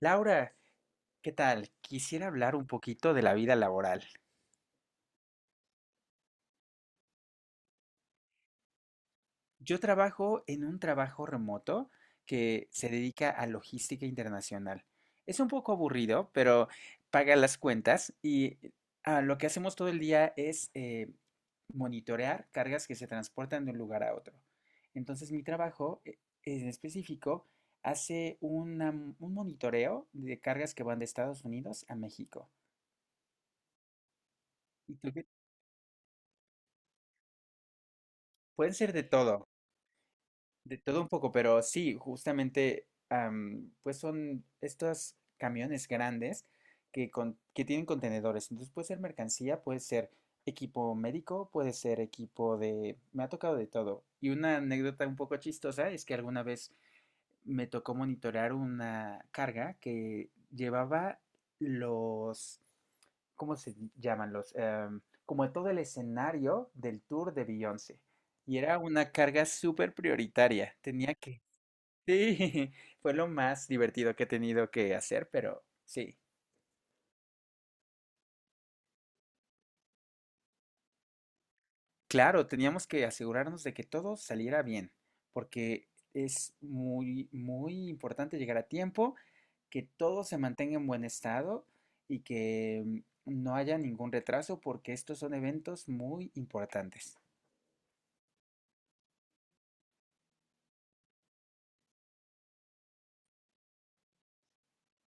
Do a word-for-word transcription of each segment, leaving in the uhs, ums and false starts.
Laura, ¿qué tal? Quisiera hablar un poquito de la vida laboral. Yo trabajo en un trabajo remoto que se dedica a logística internacional. Es un poco aburrido, pero paga las cuentas y ah, lo que hacemos todo el día es eh, monitorear cargas que se transportan de un lugar a otro. Entonces, mi trabajo eh, en específico hace una un monitoreo de cargas que van de Estados Unidos a México. Y tú qué- Pueden ser de todo. De todo un poco, pero sí, justamente, am, pues son estos camiones grandes que, con- que tienen contenedores. Entonces puede ser mercancía, puede ser equipo médico, puede ser equipo de... Me ha tocado de todo. Y una anécdota un poco chistosa es que alguna vez me tocó monitorear una carga que llevaba los, ¿cómo se llaman? Los, em, como todo el escenario del tour de Beyoncé. Y era una carga súper prioritaria. Tenía que... Sí, fue lo más divertido que he tenido que hacer, pero sí. Claro, teníamos que asegurarnos de que todo saliera bien, porque es muy, muy importante llegar a tiempo, que todo se mantenga en buen estado y que mm, no haya ningún retraso, porque estos son eventos muy importantes.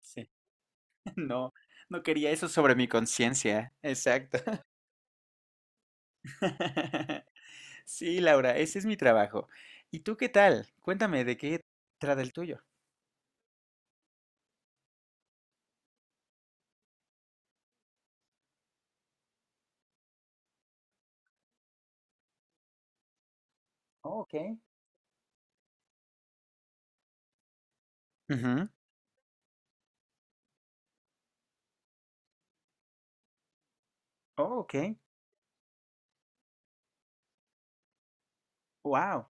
Sí, no, no quería eso sobre mi conciencia. Exacto. Sí, Laura, ese es mi trabajo. ¿Y tú qué tal? Cuéntame de qué trata el tuyo. Oh, ok. Ujú. Oh, ok. Wow.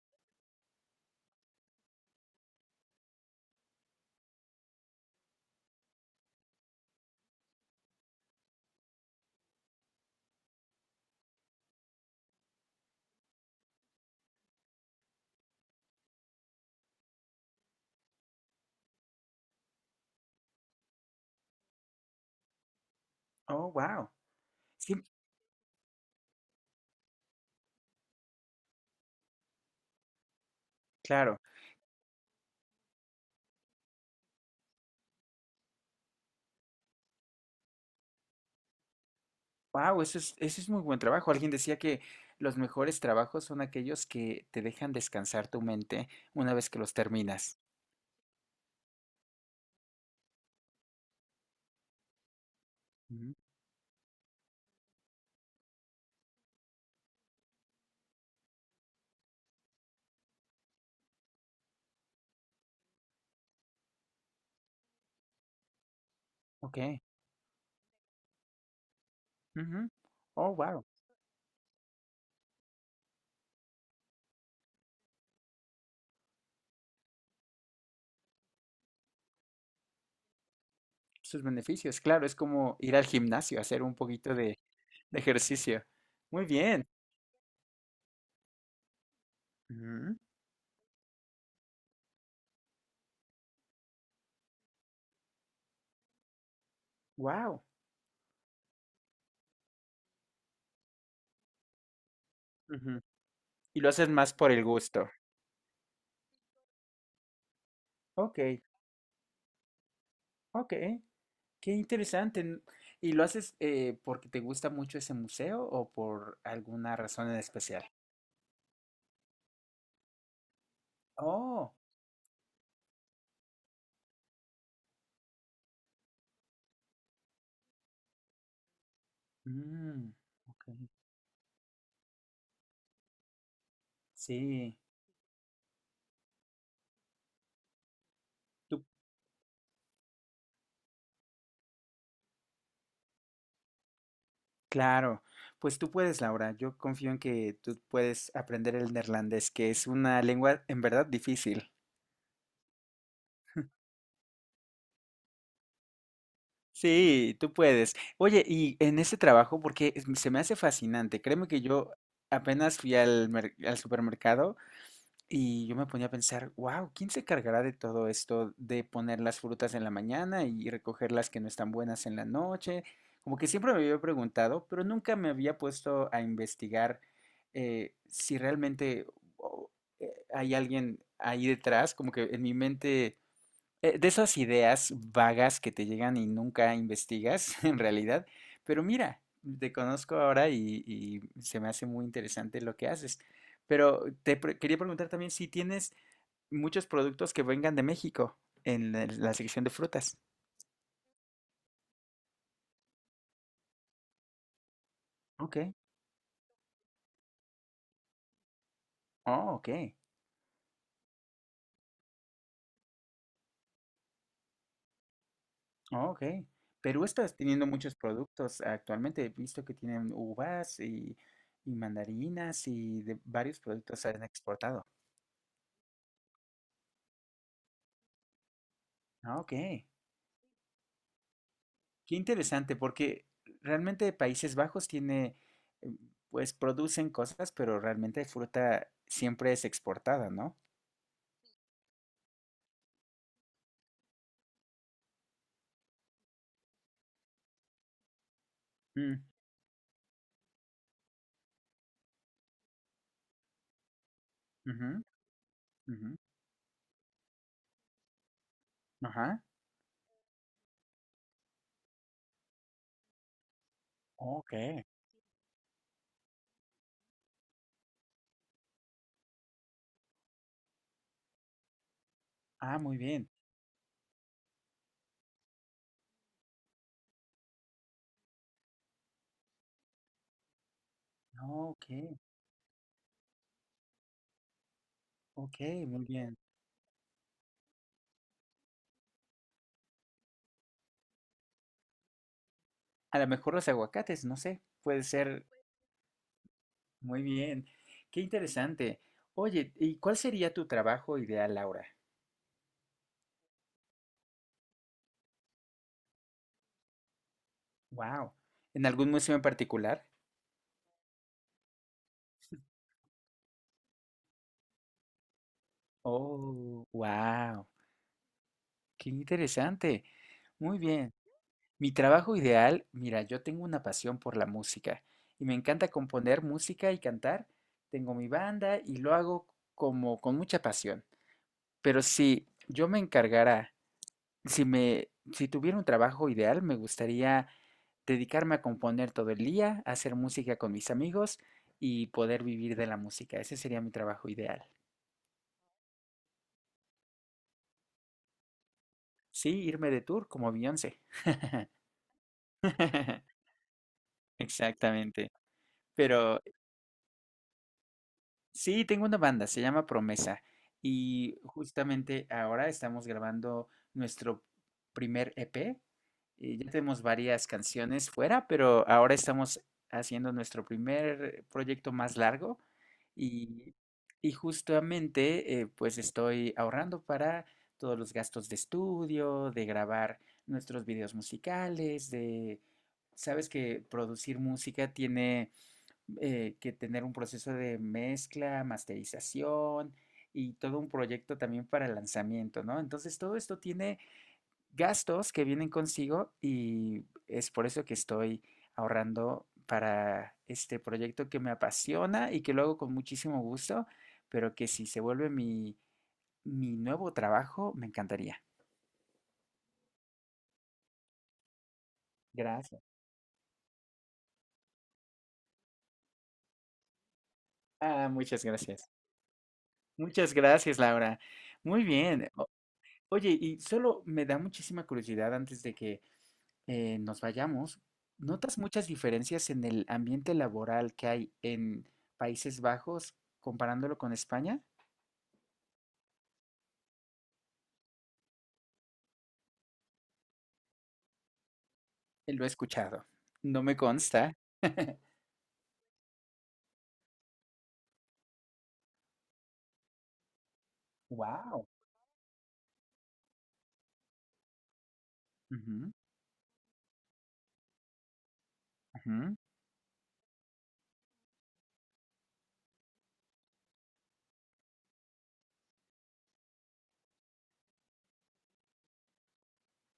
Oh, wow. Claro. Wow, eso es, eso es muy buen trabajo. Alguien decía que los mejores trabajos son aquellos que te dejan descansar tu mente una vez que los terminas. Ujú, ok. Ujú. Oh, wow. Sus beneficios. Claro, es como ir al gimnasio, hacer un poquito de, de ejercicio. Muy bien. Ujú, wow. Ujú. Y lo haces más por el gusto. Ok, ok. Qué interesante. N- ¿Y lo haces eh, porque te gusta mucho ese museo o por alguna razón en especial? Oh. Mm, ok, sí, tú, claro. Pues tú puedes, Laura. Yo confío en que tú puedes aprender el neerlandés, que es una lengua en verdad difícil. Sí, tú puedes. Oye, y en ese trabajo, porque es- se me hace fascinante, créeme que yo apenas fui al, mer- al supermercado. Y yo me ponía a pensar, wow, ¿quién se cargará de todo esto de poner las frutas en la mañana y recoger las que no están buenas en la noche? Como que siempre me había preguntado, pero nunca me había puesto a investigar eh, si realmente o- eh, hay alguien ahí detrás, como que en mi mente eh, de esas ideas vagas que te llegan y nunca investigas en realidad, pero mira, te conozco ahora y, y se me hace muy interesante lo que haces. Pero te pre- quería preguntar también si tienes muchos productos que vengan de México en la, la sección de frutas. Ok. Oh, ok. Oh, ok. Perú está teniendo muchos productos actualmente. He visto que tienen uvas y, y mandarinas y de varios productos se han exportado. Ah, ok. Qué interesante, porque realmente Países Bajos tiene, eh, pues producen cosas, pero realmente fruta siempre es exportada, ¿no? Mm, ujú, ujú, ajá. Ok. Ah, muy bien. Ah, ok, ok, muy bien. A lo mejor los aguacates, no sé, puede ser muy bien. Qué interesante. Oye, ¿y cuál sería tu trabajo ideal, Laura? Wow. ¿En algún museo en particular? Oh, wow. Qué interesante. Muy bien. Mi trabajo ideal, mira, yo tengo una pasión por la música y me encanta componer música y cantar. Tengo mi banda y lo hago como con mucha pasión. Pero si yo me encargara, si me, si tuviera un trabajo ideal, me gustaría dedicarme a componer todo el día, hacer música con mis amigos y poder vivir de la música. Ese sería mi trabajo ideal. Sí, irme de tour como Beyoncé. Exactamente. Pero sí, tengo una banda, se llama Promesa y justamente ahora estamos grabando nuestro primer E P, y ya tenemos varias canciones fuera, pero ahora estamos haciendo nuestro primer proyecto más largo y, y justamente eh, pues estoy ahorrando para todos los gastos de estudio, de grabar nuestros videos musicales, de... Sabes que producir música tiene eh, que tener un proceso de mezcla, masterización y todo un proyecto también para lanzamiento, ¿no? Entonces todo esto tiene gastos que vienen consigo y es por eso que estoy ahorrando para este proyecto que me apasiona y que lo hago con muchísimo gusto, pero que si se vuelve mi, mi nuevo trabajo, me encantaría. Gracias. Ah, muchas gracias. Muchas gracias, Laura. Muy bien. O- Oye, y solo me da muchísima curiosidad antes de que eh, nos vayamos, ¿notas muchas diferencias en el ambiente laboral que hay en Países Bajos comparándolo con España? Eh, Lo he escuchado. No me consta. Wow.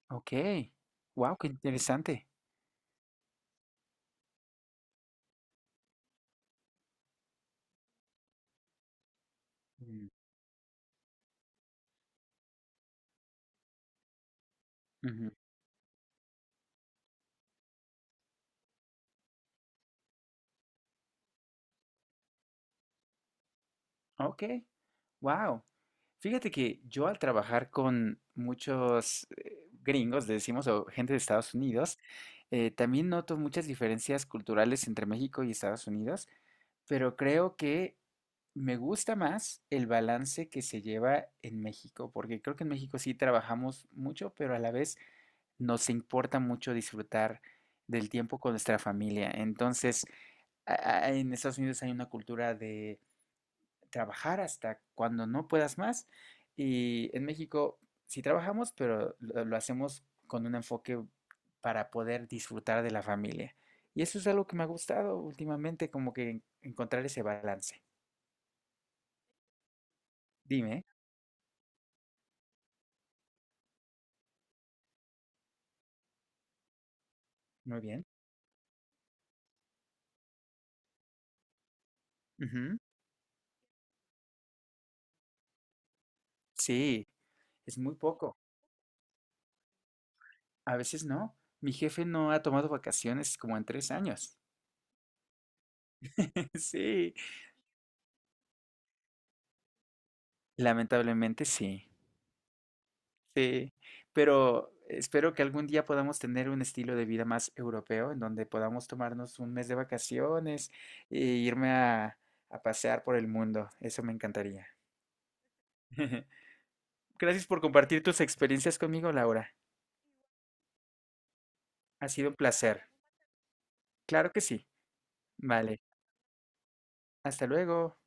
Ok. Wow, qué interesante. Mm, ujú. Ok. Wow. Fíjate que yo al trabajar con muchos eh, gringos, le decimos, o gente de Estados Unidos, eh, también noto muchas diferencias culturales entre México y Estados Unidos. Pero creo que me gusta más el balance que se lleva en México, porque creo que en México sí trabajamos mucho, pero a la vez nos importa mucho disfrutar del tiempo con nuestra familia. Entonces, a- a- en Estados Unidos hay una cultura de trabajar hasta cuando no puedas más, y en México sí trabajamos, pero lo lo hacemos con un enfoque para poder disfrutar de la familia. Y eso es algo que me ha gustado últimamente, como que en- encontrar ese balance. Dime, muy bien. Ujú. Sí, es muy poco. A veces no. Mi jefe no ha tomado vacaciones como en tres años. Sí, lamentablemente sí. Sí, pero espero que algún día podamos tener un estilo de vida más europeo en donde podamos tomarnos un mes de vacaciones e irme a, a pasear por el mundo. Eso me encantaría. Gracias por compartir tus experiencias conmigo, Laura. Ha sido un placer. Claro que sí. Vale, hasta luego.